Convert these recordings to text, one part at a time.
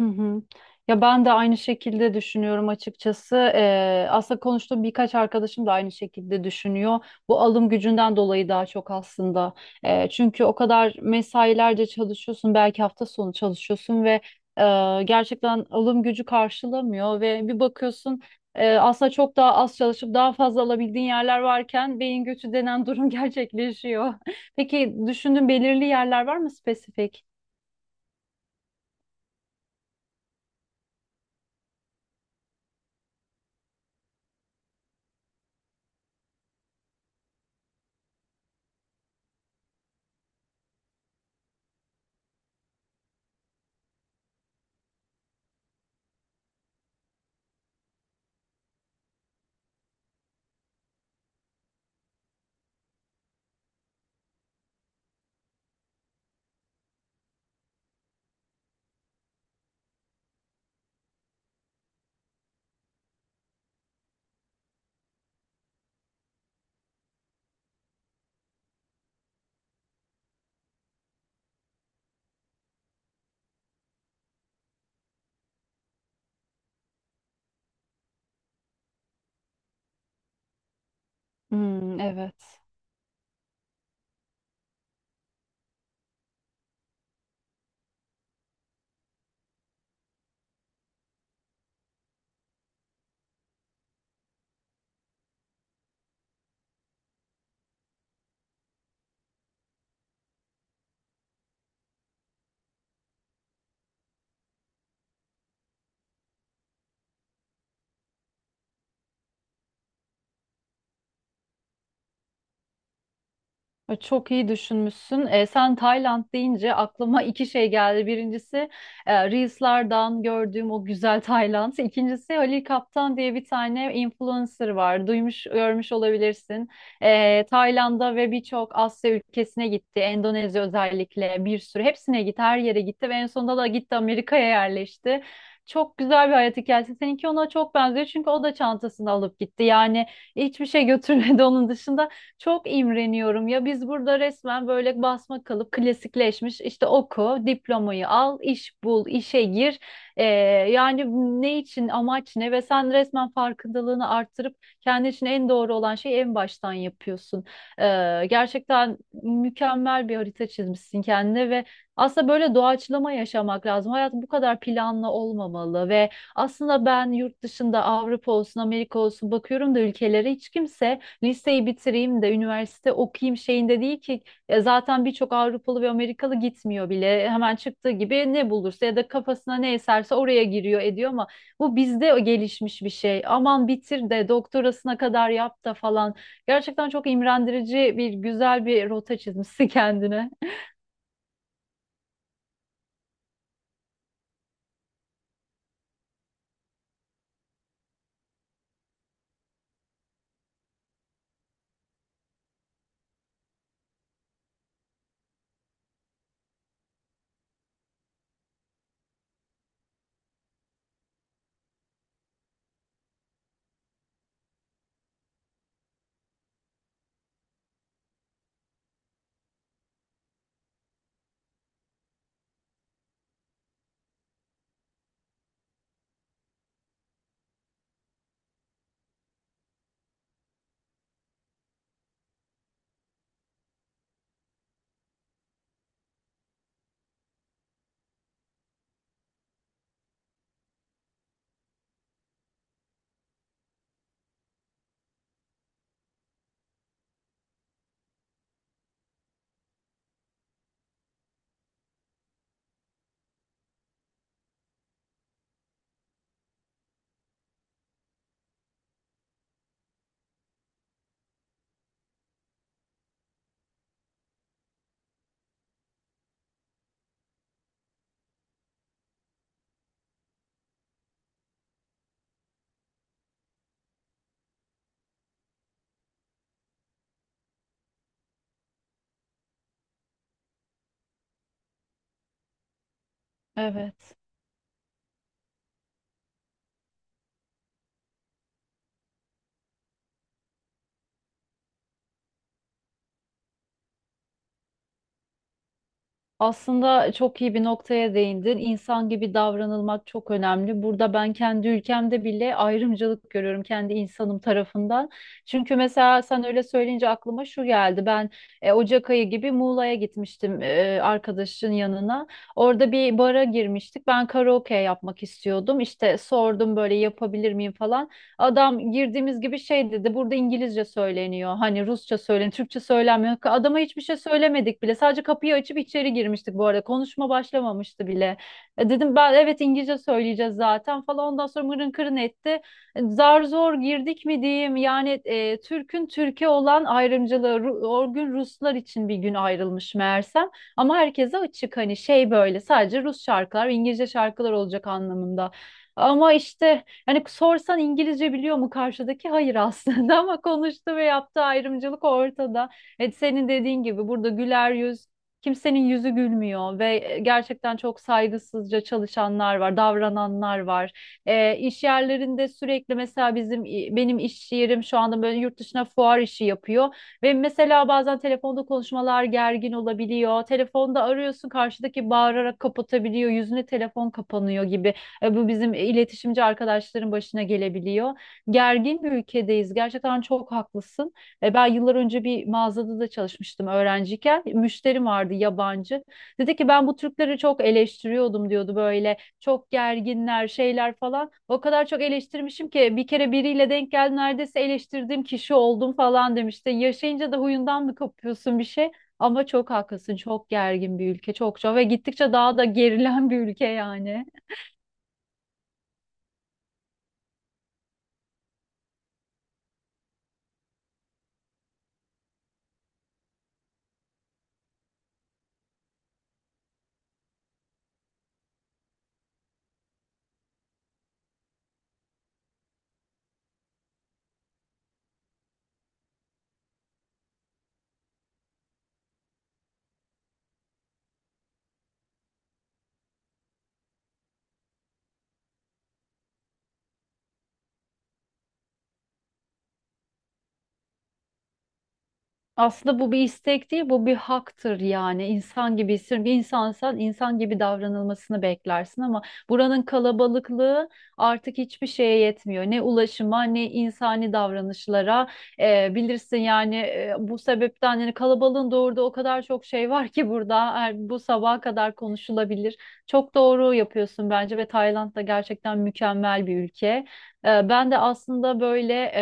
Hı hı. Ya ben de aynı şekilde düşünüyorum açıkçası. Aslında konuştuğum birkaç arkadaşım da aynı şekilde düşünüyor. Bu alım gücünden dolayı daha çok aslında. Çünkü o kadar mesailerce çalışıyorsun, belki hafta sonu çalışıyorsun ve gerçekten alım gücü karşılamıyor ve bir bakıyorsun aslında çok daha az çalışıp daha fazla alabildiğin yerler varken beyin göçü denen durum gerçekleşiyor. Peki düşündüğün belirli yerler var mı spesifik? Hmm, evet. Çok iyi düşünmüşsün. Sen Tayland deyince aklıma iki şey geldi. Birincisi Reels'lardan gördüğüm o güzel Tayland. İkincisi Halil Kaptan diye bir tane influencer var. Duymuş, görmüş olabilirsin. Tayland'a ve birçok Asya ülkesine gitti. Endonezya özellikle bir sürü. Hepsine gitti, her yere gitti ve en sonunda da gitti Amerika'ya yerleşti. Çok güzel bir hayat hikayesi. Seninki ona çok benziyor çünkü o da çantasını alıp gitti. Yani hiçbir şey götürmedi onun dışında. Çok imreniyorum ya biz burada resmen böyle basma kalıp klasikleşmiş işte oku, diplomayı al, iş bul, işe gir. Ee, Yani ne için, amaç ne ve sen resmen farkındalığını arttırıp kendi için en doğru olan şeyi en baştan yapıyorsun. Gerçekten mükemmel bir harita çizmişsin kendine ve aslında böyle doğaçlama yaşamak lazım. Hayat bu kadar planlı olmamalı ve aslında ben yurt dışında Avrupa olsun, Amerika olsun bakıyorum da ülkelere hiç kimse liseyi bitireyim de üniversite okuyayım şeyinde değil ki. Zaten birçok Avrupalı ve Amerikalı gitmiyor bile. Hemen çıktığı gibi ne bulursa ya da kafasına ne eserse oraya giriyor ediyor ama bu bizde gelişmiş bir şey. Aman bitir de doktorasına kadar yap da falan. Gerçekten çok imrendirici bir güzel bir rota çizmişsin kendine. Evet. Aslında çok iyi bir noktaya değindin. İnsan gibi davranılmak çok önemli. Burada ben kendi ülkemde bile ayrımcılık görüyorum kendi insanım tarafından. Çünkü mesela sen öyle söyleyince aklıma şu geldi. Ben Ocak ayı gibi Muğla'ya gitmiştim arkadaşın yanına. Orada bir bara girmiştik. Ben karaoke yapmak istiyordum. İşte sordum böyle yapabilir miyim falan. Adam girdiğimiz gibi şey dedi. Burada İngilizce söyleniyor. Hani Rusça söyleniyor. Türkçe söylenmiyor. Adama hiçbir şey söylemedik bile. Sadece kapıyı açıp içeri girmiştik bu arada. Konuşma başlamamıştı bile. Dedim ben evet İngilizce söyleyeceğiz zaten falan. Ondan sonra mırın kırın etti. Zar zor girdik mi diyeyim. Yani Türk'ün Türkiye olan ayrımcılığı. O gün Ruslar için bir gün ayrılmış meğersem. Ama herkese açık hani şey böyle sadece Rus şarkılar, İngilizce şarkılar olacak anlamında. Ama işte hani sorsan İngilizce biliyor mu karşıdaki? Hayır aslında ama konuştu ve yaptığı ayrımcılık ortada. Evet, senin dediğin gibi burada güler yüz, kimsenin yüzü gülmüyor ve gerçekten çok saygısızca çalışanlar var, davrananlar var. İş yerlerinde sürekli mesela benim iş yerim şu anda böyle yurt dışına fuar işi yapıyor ve mesela bazen telefonda konuşmalar gergin olabiliyor. Telefonda arıyorsun karşıdaki bağırarak kapatabiliyor, yüzüne telefon kapanıyor gibi. Bu bizim iletişimci arkadaşların başına gelebiliyor. Gergin bir ülkedeyiz. Gerçekten çok haklısın. Ben yıllar önce bir mağazada da çalışmıştım öğrenciyken. Müşterim vardı yabancı. Dedi ki ben bu Türkleri çok eleştiriyordum diyordu böyle. Çok gerginler şeyler falan. O kadar çok eleştirmişim ki bir kere biriyle denk geldi neredeyse eleştirdiğim kişi oldum falan demişti. Yaşayınca da huyundan mı kapıyorsun bir şey? Ama çok haklısın. Çok gergin bir ülke. Çok çok ve gittikçe daha da gerilen bir ülke yani. Aslında bu bir istek değil, bu bir haktır yani. İnsan gibi hissediyorum. Bir insansan insan gibi davranılmasını beklersin ama buranın kalabalıklığı artık hiçbir şeye yetmiyor. Ne ulaşıma ne insani davranışlara. Bilirsin yani bu sebepten yani kalabalığın doğurduğu o kadar çok şey var ki burada her- bu sabaha kadar konuşulabilir. Çok doğru yapıyorsun bence ve Tayland da gerçekten mükemmel bir ülke. Ben de aslında böyle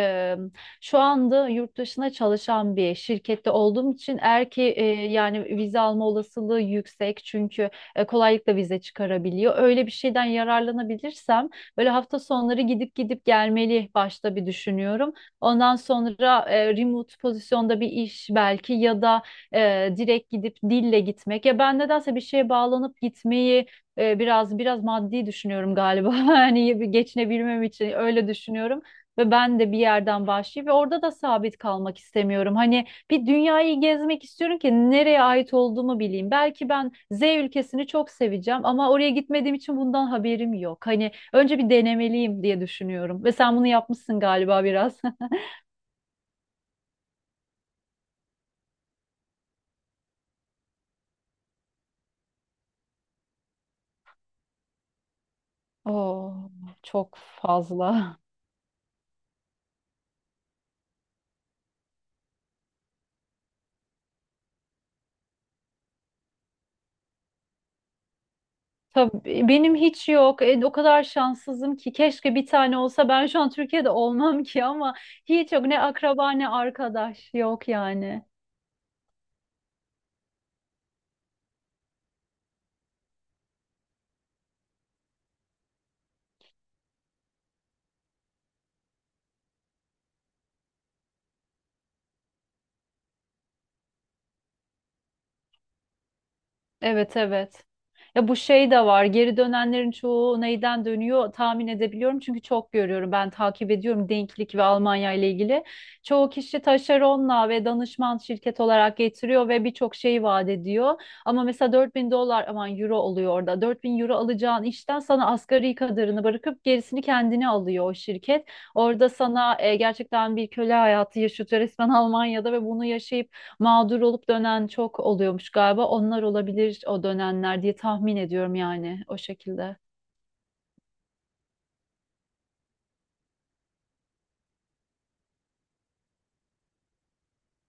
şu anda yurt dışına çalışan bir şirkette olduğum için eğer ki yani vize alma olasılığı yüksek çünkü kolaylıkla vize çıkarabiliyor. Öyle bir şeyden yararlanabilirsem böyle hafta sonları gidip gidip gelmeli başta bir düşünüyorum. Ondan sonra remote pozisyonda bir iş belki ya da e, direkt gidip dille gitmek. Ya ben nedense bir şeye bağlanıp gitmeyi biraz maddi düşünüyorum galiba. Hani geçinebilmem için öyle düşünüyorum ve ben de bir yerden başlayıp ve orada da sabit kalmak istemiyorum. Hani bir dünyayı gezmek istiyorum ki nereye ait olduğumu bileyim. Belki ben Z ülkesini çok seveceğim ama oraya gitmediğim için bundan haberim yok. Hani önce bir denemeliyim diye düşünüyorum. Ve sen bunu yapmışsın galiba biraz. Oo, çok fazla. Tabii benim hiç yok. O kadar şanssızım ki keşke bir tane olsa ben şu an Türkiye'de olmam ki ama hiç yok. Ne akraba ne arkadaş yok yani. Evet, evet. Ya bu şey de var. Geri dönenlerin çoğu neyden dönüyor tahmin edebiliyorum. Çünkü çok görüyorum. Ben takip ediyorum denklik ve Almanya ile ilgili. Çoğu kişi taşeronla ve danışman şirket olarak getiriyor ve birçok şey vaat ediyor. Ama mesela 4.000 dolar aman euro oluyor orada. 4.000 euro alacağın işten sana asgari kadarını bırakıp gerisini kendine alıyor o şirket. Orada sana gerçekten bir köle hayatı yaşatıyor resmen Almanya'da ve bunu yaşayıp mağdur olup dönen çok oluyormuş galiba. Onlar olabilir o dönenler diye tahmin ediyorum yani o şekilde.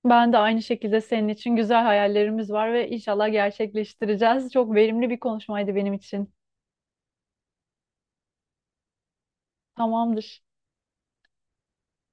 Ben de aynı şekilde senin için güzel hayallerimiz var ve inşallah gerçekleştireceğiz. Çok verimli bir konuşmaydı benim için. Tamamdır.